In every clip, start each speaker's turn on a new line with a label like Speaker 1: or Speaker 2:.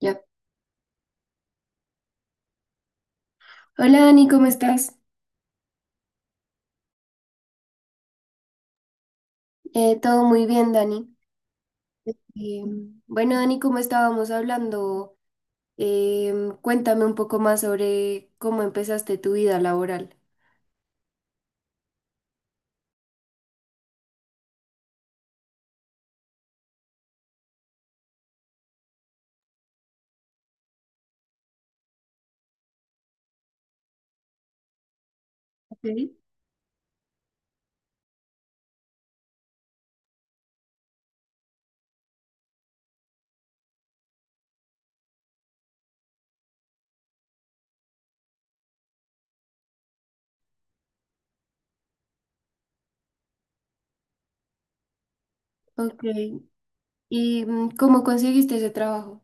Speaker 1: Ya. Hola Dani, ¿cómo estás? Todo muy bien, Dani. Eh, bueno, Dani, como estábamos hablando, cuéntame un poco más sobre cómo empezaste tu vida laboral. Ok. Ok. ¿Y cómo conseguiste ese trabajo?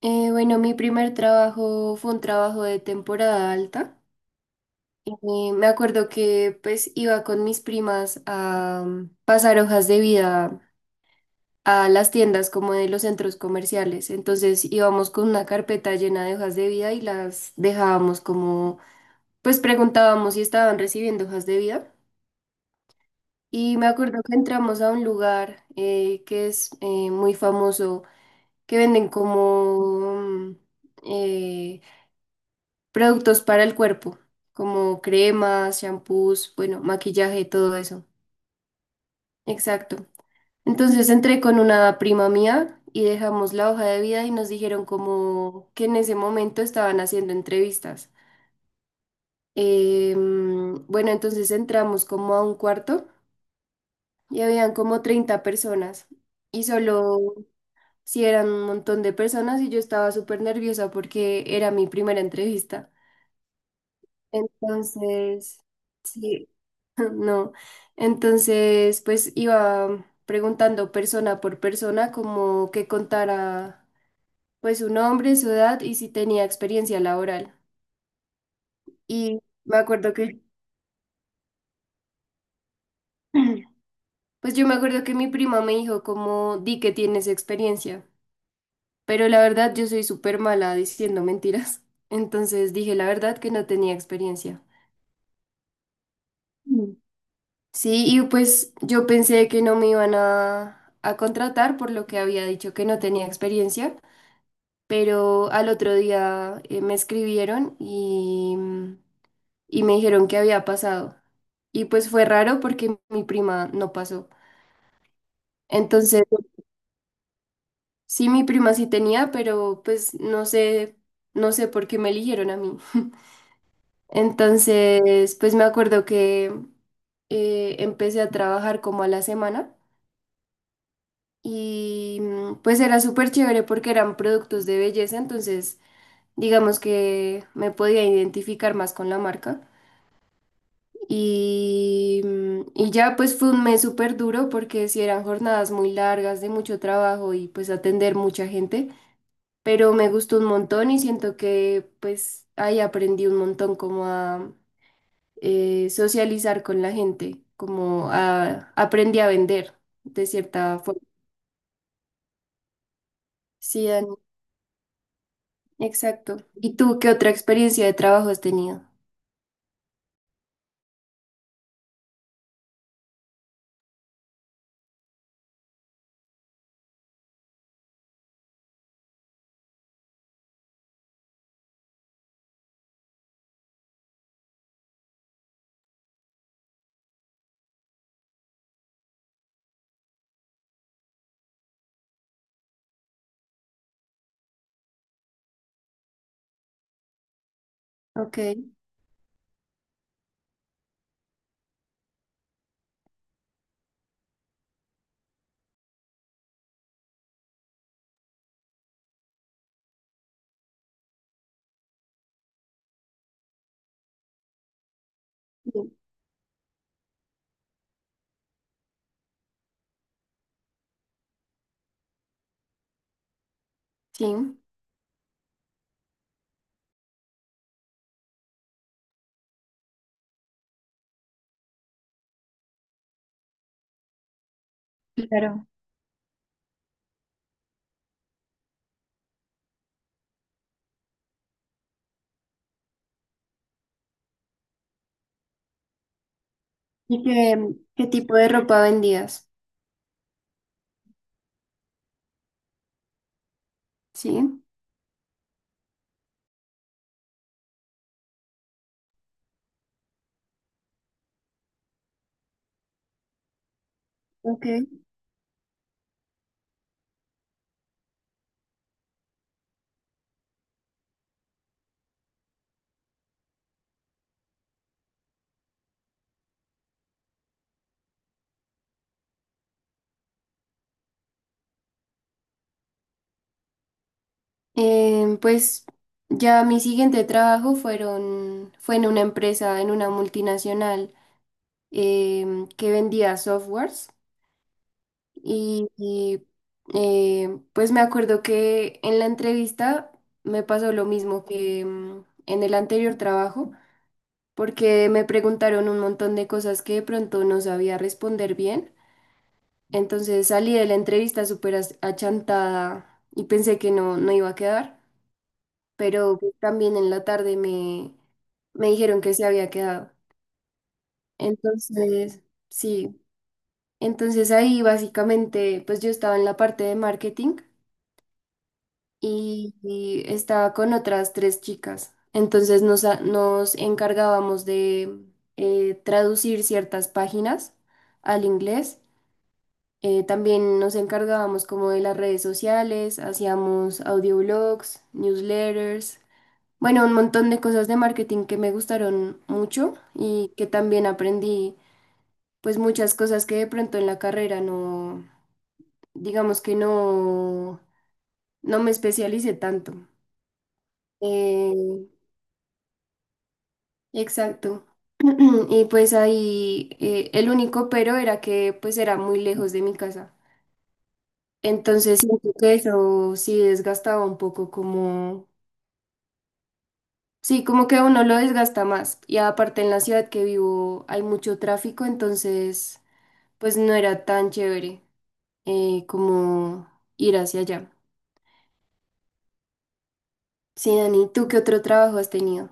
Speaker 1: Bueno, mi primer trabajo fue un trabajo de temporada alta. Me acuerdo que pues iba con mis primas a pasar hojas de vida a las tiendas como de los centros comerciales. Entonces íbamos con una carpeta llena de hojas de vida y las dejábamos como, pues preguntábamos si estaban recibiendo hojas de vida. Y me acuerdo que entramos a un lugar que es muy famoso, que venden como eh, productos para el cuerpo, como cremas, shampoos, bueno, maquillaje, todo eso. Exacto. Entonces entré con una prima mía y dejamos la hoja de vida y nos dijeron como que en ese momento estaban haciendo entrevistas. Bueno, entonces entramos como a un cuarto y habían como 30 personas y solo si eran un montón de personas y yo estaba súper nerviosa porque era mi primera entrevista. Entonces, sí, no. Entonces, pues iba preguntando persona por persona como que contara pues su nombre, su edad y si tenía experiencia laboral. Y me acuerdo que, pues yo me acuerdo que mi prima me dijo como, di que tienes experiencia, pero la verdad yo soy súper mala diciendo mentiras. Entonces dije la verdad que no tenía experiencia. Mm. Sí, y pues yo pensé que no me iban a contratar por lo que había dicho que no tenía experiencia, pero al otro día me escribieron y y me dijeron que había pasado. Y pues fue raro porque mi prima no pasó. Entonces, sí, mi prima sí tenía, pero pues no sé, no sé por qué me eligieron a mí. Entonces, pues me acuerdo que empecé a trabajar como a la semana y pues era súper chévere porque eran productos de belleza, entonces digamos que me podía identificar más con la marca. Y ya pues fue un mes súper duro porque sí eran jornadas muy largas de mucho trabajo y pues atender mucha gente, pero me gustó un montón y siento que pues ahí aprendí un montón como a socializar con la gente, como a aprendí a vender de cierta forma. Sí, Dani, exacto. ¿Y tú qué otra experiencia de trabajo has tenido? Ok, sí. Sí. Claro. ¿Y qué tipo de ropa vendías? Sí. Ok. Pues ya mi siguiente trabajo fue en una empresa, en una multinacional que vendía softwares y, pues me acuerdo que en la entrevista me pasó lo mismo que en el anterior trabajo porque me preguntaron un montón de cosas que de pronto no sabía responder bien. Entonces salí de la entrevista súper achantada y pensé que no, no iba a quedar. Pero pues, también en la tarde me dijeron que se había quedado. Entonces, sí, entonces ahí básicamente, pues yo estaba en la parte de marketing y estaba con otras tres chicas. Entonces nos encargábamos de traducir ciertas páginas al inglés. También nos encargábamos como de las redes sociales, hacíamos audioblogs, newsletters. Bueno, un montón de cosas de marketing que me gustaron mucho y que también aprendí, pues muchas cosas que de pronto en la carrera no, digamos que no, no me especialicé tanto. Eh, exacto. Y pues ahí el único pero era que pues era muy lejos de mi casa. Entonces siento que eso sí desgastaba un poco como... Sí, como que a uno lo desgasta más. Y aparte en la ciudad que vivo hay mucho tráfico, entonces... pues no era tan chévere como ir hacia allá. Sí, Dani, ¿tú qué otro trabajo has tenido?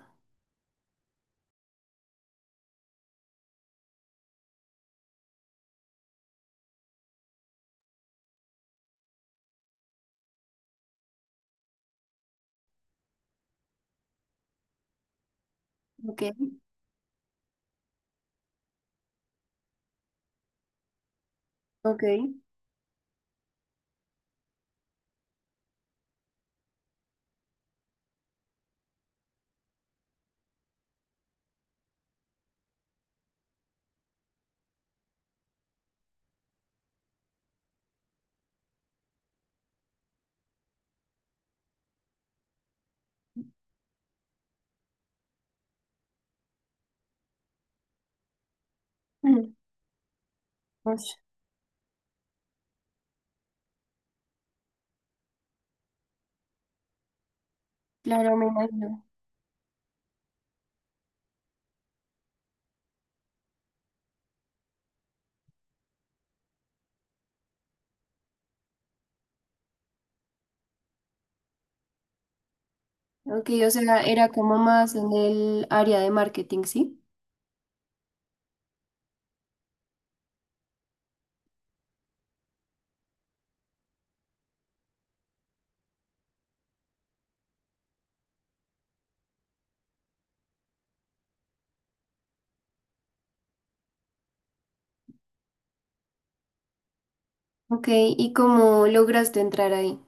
Speaker 1: Ok, ok. Mm. Pues, claro, me imagino. Ok, o sea, era como más en el área de marketing, ¿sí? Ok, ¿y cómo lograste entrar ahí?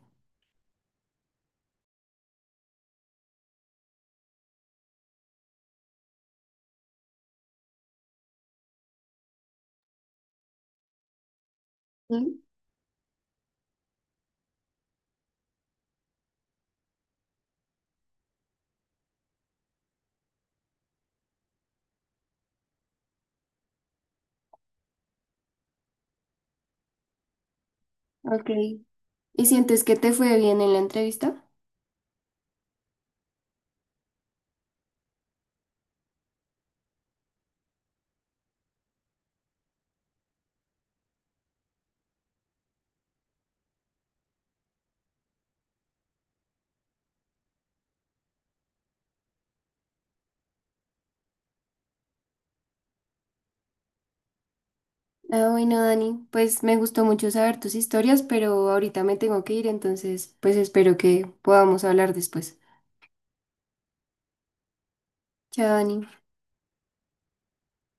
Speaker 1: Sí, ok. ¿Y sientes que te fue bien en la entrevista? Ah, bueno, Dani, pues me gustó mucho saber tus historias, pero ahorita me tengo que ir, entonces, pues espero que podamos hablar después. Chao, Dani.